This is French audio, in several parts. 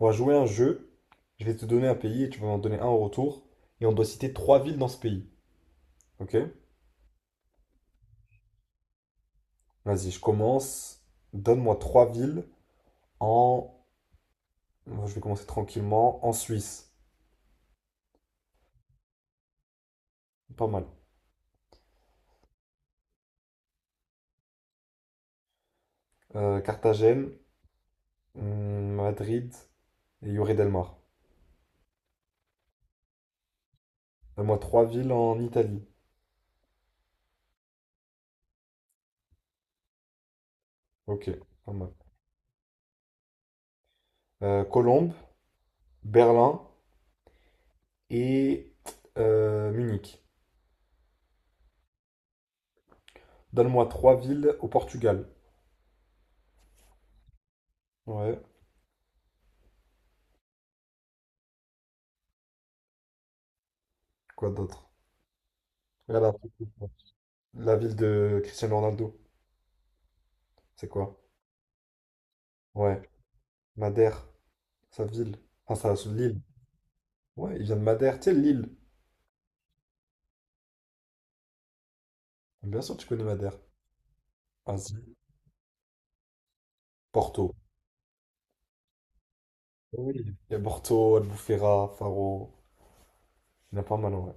On va jouer à un jeu, je vais te donner un pays et tu vas m'en donner un en retour. Et on doit citer trois villes dans ce pays. Ok? Vas-y, je commence. Donne-moi trois villes en. Je vais commencer tranquillement en Suisse. Pas mal. Carthagène, Madrid et Lloret del Mar. Donne-moi trois villes en Italie. Ok, pas mal. Colombe, Berlin et Munich. Donne-moi trois villes au Portugal. Ouais, quoi d'autre? Regarde un truc. La ville de Cristiano Ronaldo. C'est quoi? Ouais, Madère, sa ville. Enfin, sa l'île. Ouais, il vient de Madère, tu sais, l'île. Bien sûr, tu connais Madère. Vas-y. Porto. Oui. Il y a Porto, Albufeira, Faro. Il y en a pas mal, ouais.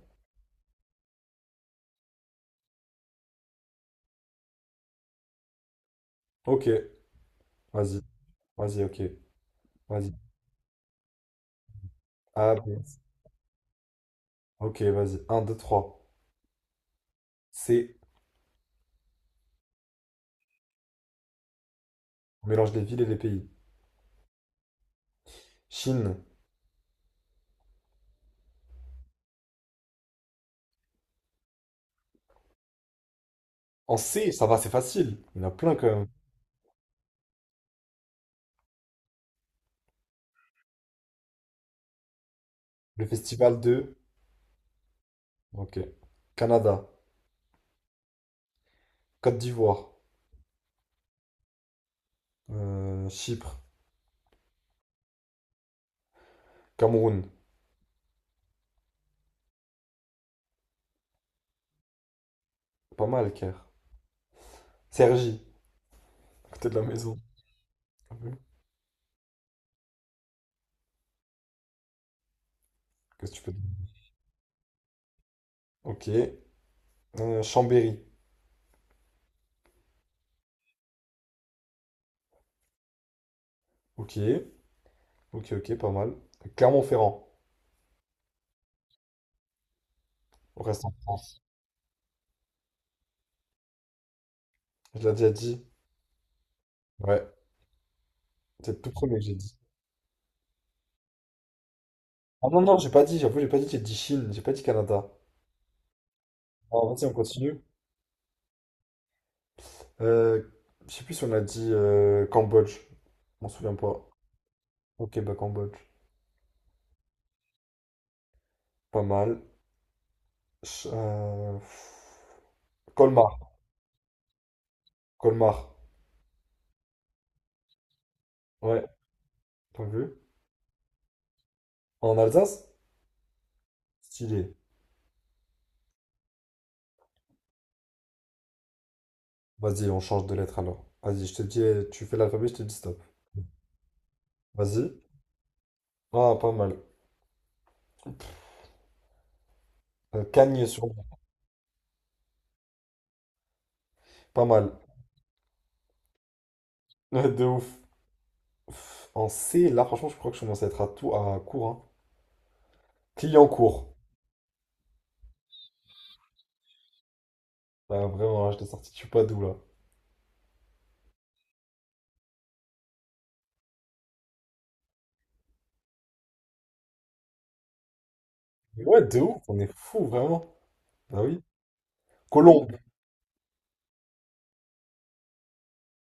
Ok, vas-y. Vas-y, ok. Vas-y. Ah B. Ok, vas-y. Un 2 3 C. On mélange les villes et les pays. Chine. En C, ça va, c'est facile. Il y en a plein quand même. Le festival de. Ok. Canada. Côte d'Ivoire. Chypre. Cameroun. Pas mal, Caire. Sergi. À côté de la maison. Ah oui. Qu'est-ce que tu peux dire? Ok. Chambéry. Ok. Ok, pas mal. Clermont-Ferrand. On reste en France. Je l'ai déjà dit. Ouais. C'est le tout premier que j'ai dit. Ah non, j'ai pas dit. J'avoue, j'ai pas dit. J'ai dit Chine. J'ai pas dit Canada. Alors, vas-y, on continue. Euh, je sais plus si on a dit Cambodge. Je m'en souviens pas. Ok, bah Cambodge. Pas mal. Ch- euh, pff, Colmar. Colmar. Ouais. T'as vu? En Alsace? Stylé. Vas-y, on change de lettre alors. Vas-y, je te dis, tu fais l'alphabet, je te dis stop. Vas-y. Ah, pas mal. Cagnes sur lui. Pas mal. Ouais, de ouf. Pff, en C, là, franchement, je crois que je commence à être à court. Hein. Client court. Ah, vraiment, là, je t'ai sorti, tu sais pas d'où, là. Mais ouais, de ouf, on est fou, vraiment. Bah oui. Colombe.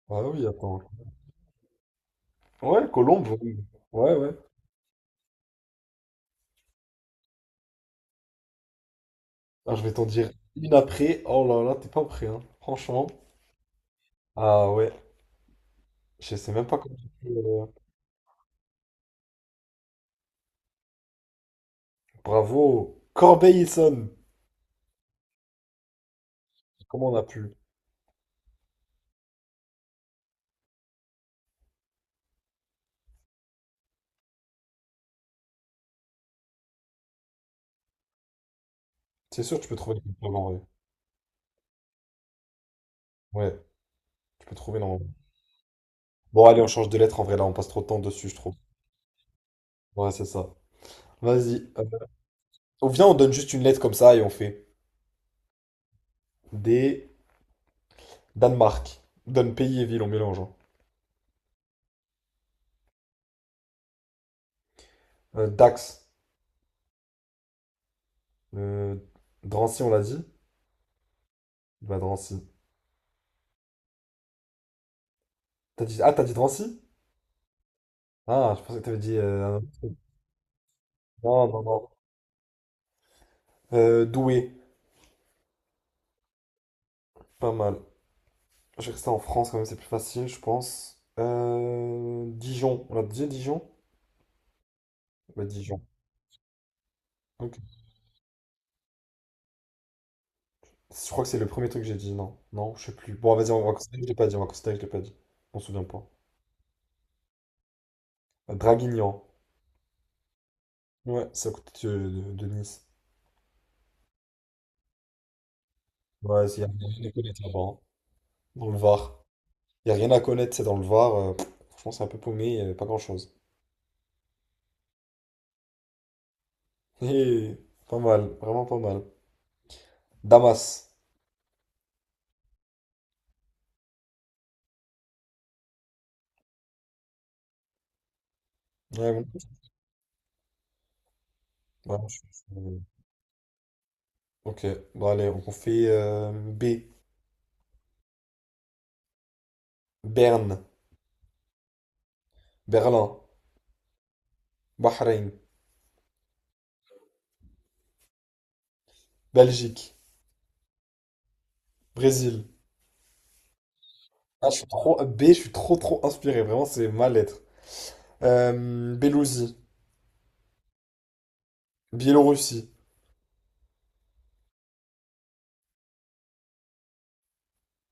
Ah oui, attends. Ouais, Colombe. Oui. Ouais, ouais. Ah, je vais t'en dire une après. Oh là là, t'es pas prêt, hein. Franchement. Ah ouais. Je sais même pas comment j'ai pu. Bravo. Corbeil-Essonne. Comment on a pu? C'est sûr que tu peux trouver des trucs en vrai. Ouais, tu peux trouver normalement. Bon, allez, on change de lettre en vrai, là, on passe trop de temps dessus, je trouve. Ouais, c'est ça. Vas-y. On vient, on donne juste une lettre comme ça et on fait. D. Danemark. On donne pays et ville, on mélange, hein. Dax. Euh, Drancy, on l'a dit? Bah, Drancy. T'as dit... Ah, t'as dit Drancy? Ah, je pensais que t'avais dit un autre truc. Non. Douai. Pas mal. Je vais rester en France quand même, c'est plus facile, je pense. Dijon. On a dit, Dijon? Bah, Dijon. Ok. Je crois que c'est le premier truc que j'ai dit, non. Non, je sais plus. Bon, vas-y, on va considérer que je l'ai pas dit, on va considérer que je l'ai pas dit. On se souvient pas. Draguignan. Ouais, c'est à côté de Nice. Ouais, il y a rien à connaître là-bas, hein. Dans le Var. Il y a rien à connaître, c'est dans le Var. Franchement, c'est un peu paumé, il y avait pas grand-chose. Hé, pas mal, vraiment pas mal. Damas. Ouais, bon. Ouais, je- je- Ok, bon allez, on fait B. Berne, Berlin, Bahreïn, Belgique, Brésil. Ah, je suis trop B, je suis trop inspiré, vraiment c'est ma lettre. Bélousie, Biélorussie,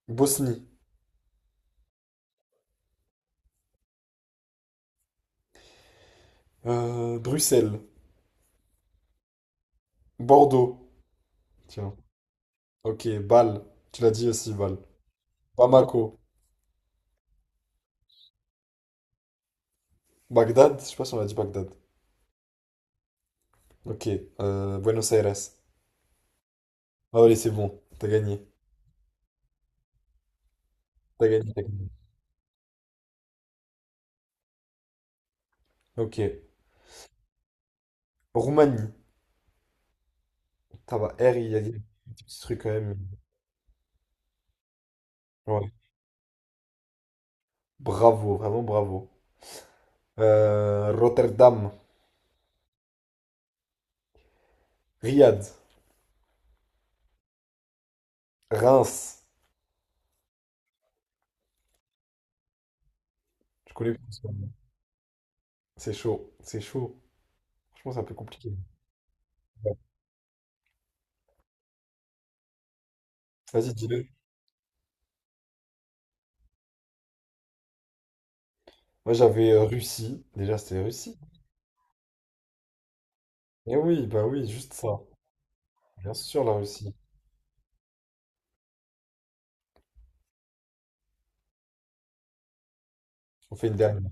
Bosnie, Bruxelles, Bordeaux. Tiens. Ok, Bâle. Tu l'as dit aussi, Bâle. Bamako, Bagdad. Je sais pas si on a dit Bagdad. Ok, Buenos Aires. Ah, allez, c'est bon. T'as gagné. T'as gagné, t'as gagné. Ok. Roumanie. Ça va. R, il y a des petits trucs quand même. Ouais. Bravo, vraiment bravo. Rotterdam, Riyad, Reims. Je connais pas. C'est chaud. C'est chaud. Franchement, c'est un peu compliqué. Ouais. Vas-y, dis-le. Moi j'avais Russie. Déjà c'était Russie. Eh oui, bah oui, juste ça. Bien sûr la Russie. On fait une dernière.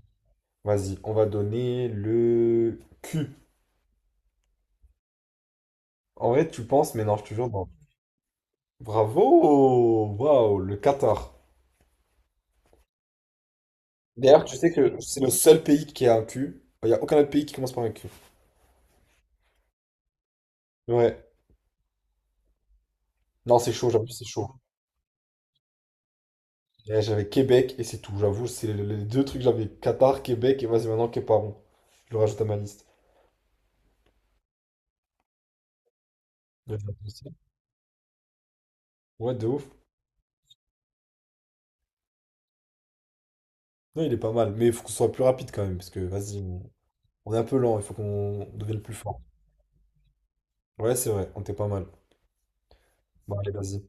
Vas-y, on va donner le Q. En vrai tu penses, mais non, je te jure non. Bravo! Waouh, le Qatar. D'ailleurs, tu sais que c'est le seul pays qui a un Q. Il n'y a aucun autre pays qui commence par un Q. Ouais. Non, c'est chaud, j'avoue, c'est chaud. Eh, j'avais Québec et c'est tout. J'avoue, c'est les deux trucs que j'avais. Qatar, Québec et vas-y maintenant Capron. Je le rajoute à ma liste. Ouais, de ouf. Non, il est pas mal, mais il faut qu'on soit plus rapide quand même, parce que vas-y, on est un peu lent, il faut qu'on devienne plus fort. Ouais, c'est vrai, on était pas mal. Bon, allez, vas-y.